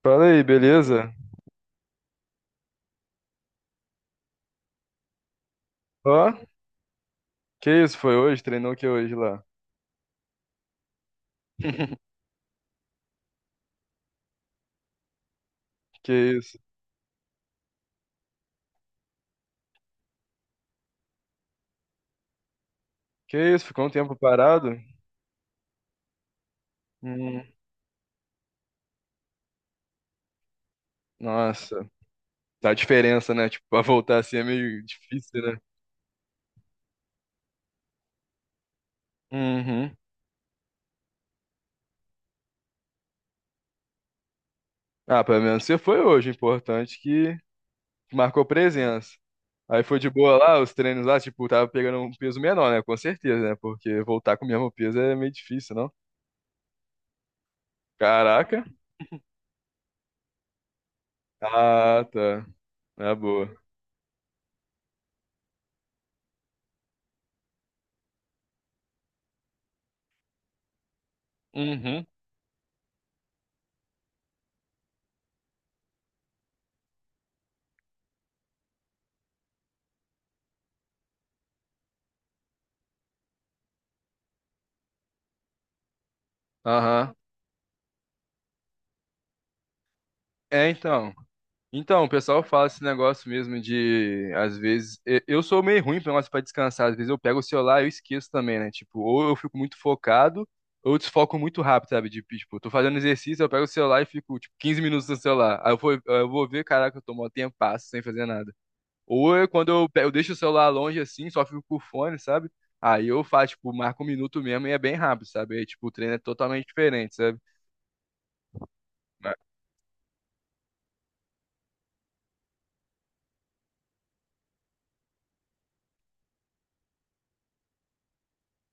Fala aí, beleza? Ó, que isso foi hoje? Treinou o que hoje lá? Que isso? Que isso? Ficou um tempo parado? Hum, nossa, tá a diferença, né? Tipo, pra voltar assim é meio difícil, né? Uhum. Ah, pelo menos você foi hoje, importante que marcou presença. Aí foi de boa lá, os treinos lá, tipo, tava pegando um peso menor, né? Com certeza, né? Porque voltar com o mesmo peso é meio difícil, não? Caraca. Ah, tá. Na boa. Uhum. Aham. É, então. Então, o pessoal fala esse negócio mesmo de, às vezes, eu sou meio ruim pra negócio para descansar, às vezes eu pego o celular e eu esqueço também, né? Tipo, ou eu fico muito focado, ou eu desfoco muito rápido, sabe? De, tipo, eu tô fazendo exercício, eu pego o celular e fico, tipo, 15 minutos no celular. Aí eu vou ver, caraca, eu tomo um tempo passo sem fazer nada. Ou eu, quando eu, eu deixo o celular longe assim, só fico com o fone, sabe? Aí eu faço, tipo, marco um minuto mesmo e é bem rápido, sabe? Aí, tipo, o treino é totalmente diferente, sabe? Mas-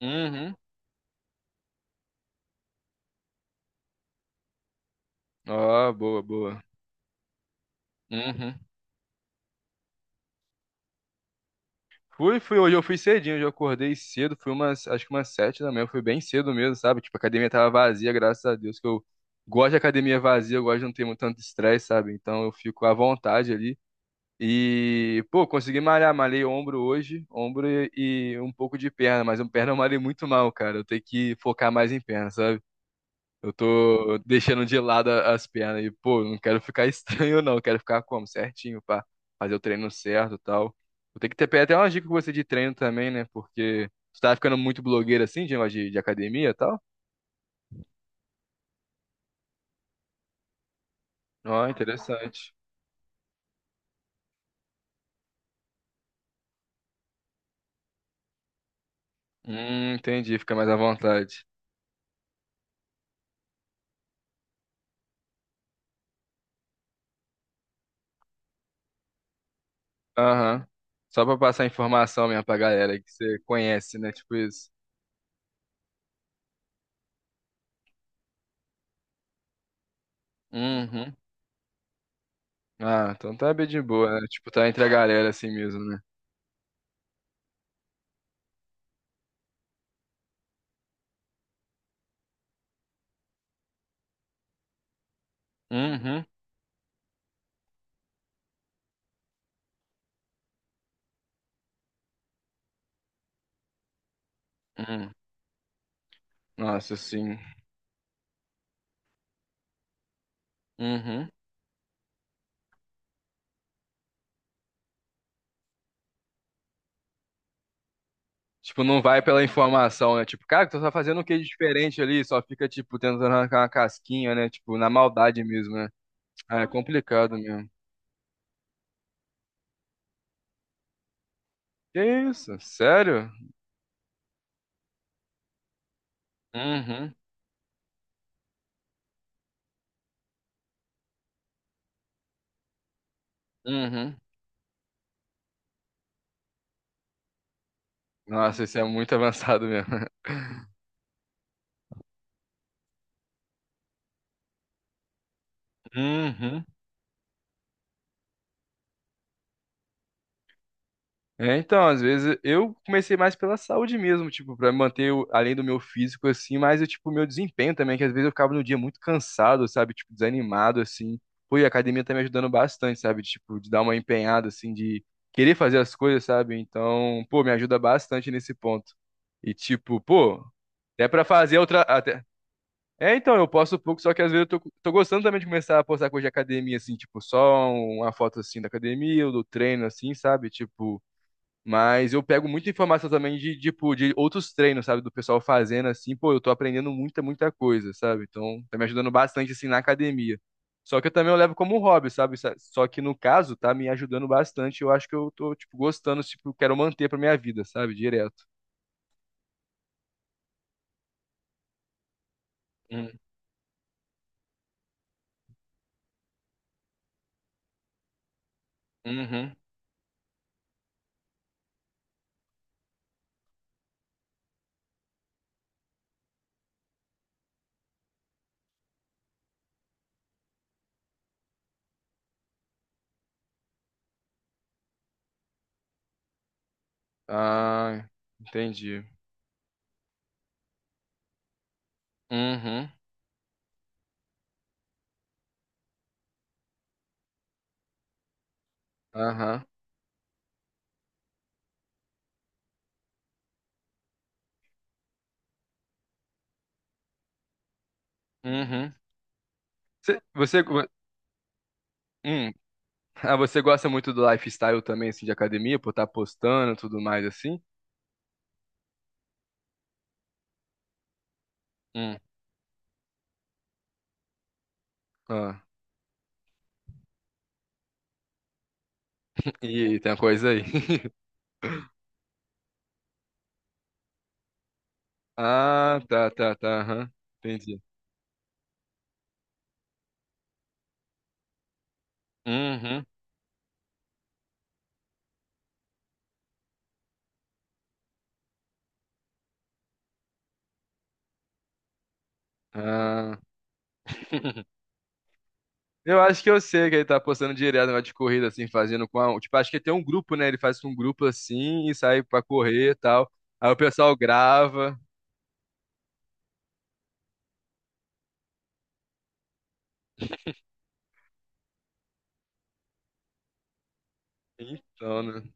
Uhum. Ó, boa, boa. Uhum. Fui, fui, hoje eu fui cedinho, hoje eu acordei cedo, fui umas, acho que umas 7 da manhã, fui bem cedo mesmo, sabe? Tipo, a academia tava vazia, graças a Deus, que eu gosto de academia vazia, eu gosto de não ter muito tanto estresse, sabe? Então eu fico à vontade ali. E, pô, consegui malhar, malhei ombro hoje, ombro e um pouco de perna, mas um perna eu malhei muito mal, cara. Eu tenho que focar mais em perna, sabe? Eu tô deixando de lado as pernas e, pô, não quero ficar estranho, não. Quero ficar como? Certinho, pá. Fazer o treino certo e tal. Vou ter que ter pegar até uma dica com você de treino também, né? Porque você tá ficando muito blogueira assim, de negócio de academia e tal. Ó, interessante. Entendi. Fica mais à vontade. Aham. Só pra passar informação mesmo pra galera que você conhece, né? Tipo isso. Uhum. Ah, então tá bem de boa, né? Tipo, tá entre a galera assim mesmo, né? Uhum. Uhum. Nossa, sim. Uhum. Tipo, não vai pela informação, né? Tipo, cara, tu tá fazendo o que de diferente ali? Só fica, tipo, tentando arrancar uma casquinha, né? Tipo, na maldade mesmo, né? Ah, é complicado mesmo. Que isso? Sério? Uhum, uhum. Nossa, isso é muito avançado mesmo. Uhum. É, então, às vezes eu comecei mais pela saúde mesmo, tipo, pra manter além do meu físico assim, mas eu, tipo, meu desempenho também, que às vezes eu ficava no dia muito cansado, sabe, tipo, desanimado assim. Pô, e a academia tá me ajudando bastante, sabe, tipo, de dar uma empenhada assim, de querer fazer as coisas, sabe? Então, pô, me ajuda bastante nesse ponto. E tipo, pô, até pra fazer outra até É, então, eu posto pouco, só que às vezes eu tô, tô gostando também de começar a postar coisa de academia, assim, tipo, só uma foto, assim, da academia, ou do treino, assim, sabe? Tipo, mas eu pego muita informação também de, tipo, de outros treinos, sabe? Do pessoal fazendo assim, pô, eu tô aprendendo muita, muita coisa, sabe? Então, tá me ajudando bastante, assim, na academia. Só que eu também eu levo como um hobby, sabe? Sa- Só que no caso, tá me ajudando bastante. Eu acho que eu tô, tipo, gostando, tipo, quero manter pra minha vida, sabe? Direto. Hum, Uhum. Ah, entendi. Uhum. Aham. Uhum. Cê- Você, go- hum. Ah, você gosta muito do lifestyle também, assim, de academia, por estar postando e tudo mais, assim? Hum. Ah. Ih, tem uma coisa aí. Ah, tá, tá, tá. Aham. Entendi. Uhum. Ah. Eu acho que eu sei que ele tá postando direto negócio de corrida, assim, fazendo com a... um, tipo, acho que tem um grupo, né? Ele faz com um grupo assim e sai pra correr e tal. Aí o pessoal grava. Então, né?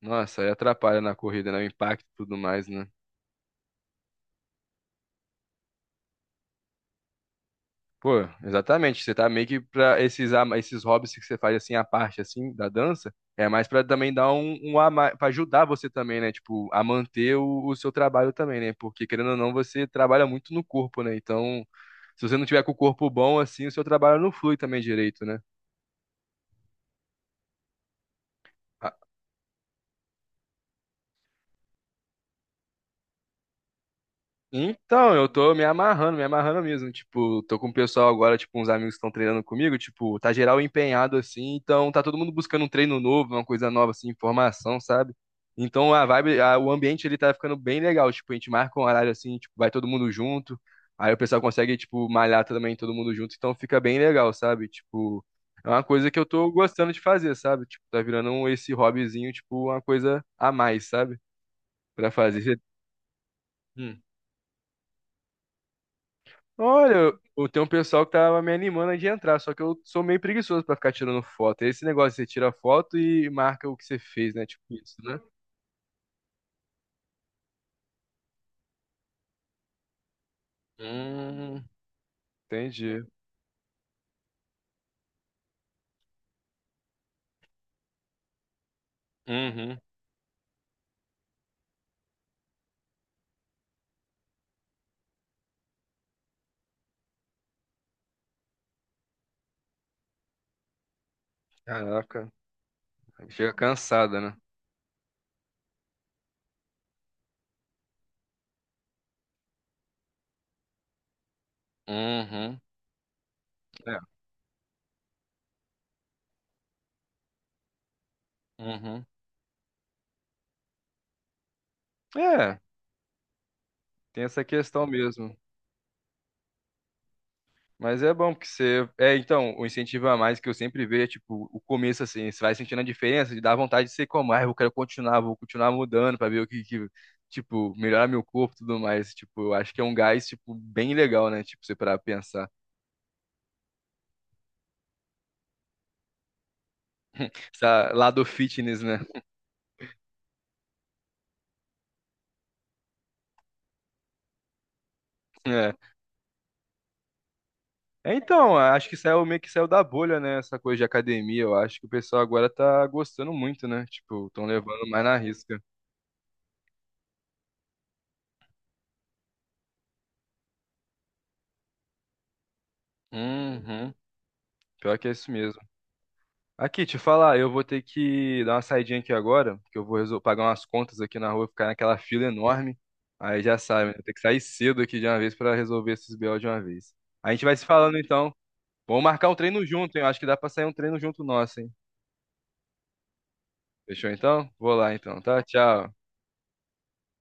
Nossa, aí atrapalha na corrida, né? O impacto e tudo mais, né? Pô, exatamente. Você tá meio que pra esses, esses hobbies que você faz assim, a parte assim da dança, é mais pra também dar um, um a mais, pra ajudar você também, né? Tipo, a manter o seu trabalho também, né? Porque querendo ou não, você trabalha muito no corpo, né? Então, se você não tiver com o corpo bom assim, o seu trabalho não flui também direito, né? Então, eu tô me amarrando mesmo. Tipo, tô com o pessoal agora, tipo, uns amigos que estão treinando comigo, tipo, tá geral empenhado assim, então tá todo mundo buscando um treino novo, uma coisa nova assim, informação, sabe? Então a vibe, o ambiente ele tá ficando bem legal, tipo, a gente marca um horário assim, tipo, vai todo mundo junto. Aí o pessoal consegue, tipo, malhar também todo mundo junto, então fica bem legal, sabe? Tipo, é uma coisa que eu tô gostando de fazer, sabe? Tipo, tá virando esse hobbyzinho, tipo, uma coisa a mais, sabe? Pra fazer. Hum. Olha, eu tenho um pessoal que tava me animando de entrar, só que eu sou meio preguiçoso pra ficar tirando foto. É esse negócio, você tira foto e marca o que você fez, né? Tipo isso, né? Hum, entendi. Uhum. Caraca, chega cansada, né? Uhum. É. Uhum. É, tem essa questão mesmo. Mas é bom, porque você. É, então, o incentivo a mais que eu sempre vejo é, tipo, o começo, assim, você vai sentindo a diferença, de dar vontade de ser como, ah, eu quero continuar, vou continuar mudando pra ver o que, que, tipo, melhorar meu corpo e tudo mais. Tipo, eu acho que é um gás, tipo, bem legal, né? Tipo, você pra pensar. Essa lado fitness, né? É. É, então, acho que saiu meio que saiu da bolha, né? Essa coisa de academia. Eu acho que o pessoal agora tá gostando muito, né? Tipo, estão levando mais na risca. Uhum. Pior que é isso mesmo. Aqui, te falar, eu vou ter que dar uma saidinha aqui agora, que eu vou pagar umas contas aqui na rua, ficar naquela fila enorme. Aí já sabe, né? Tem que sair cedo aqui de uma vez pra resolver esses BO de uma vez. A gente vai se falando então. Vamos marcar um treino junto, hein? Eu acho que dá pra sair um treino junto nosso, hein? Fechou então? Vou lá então, tá? Tchau.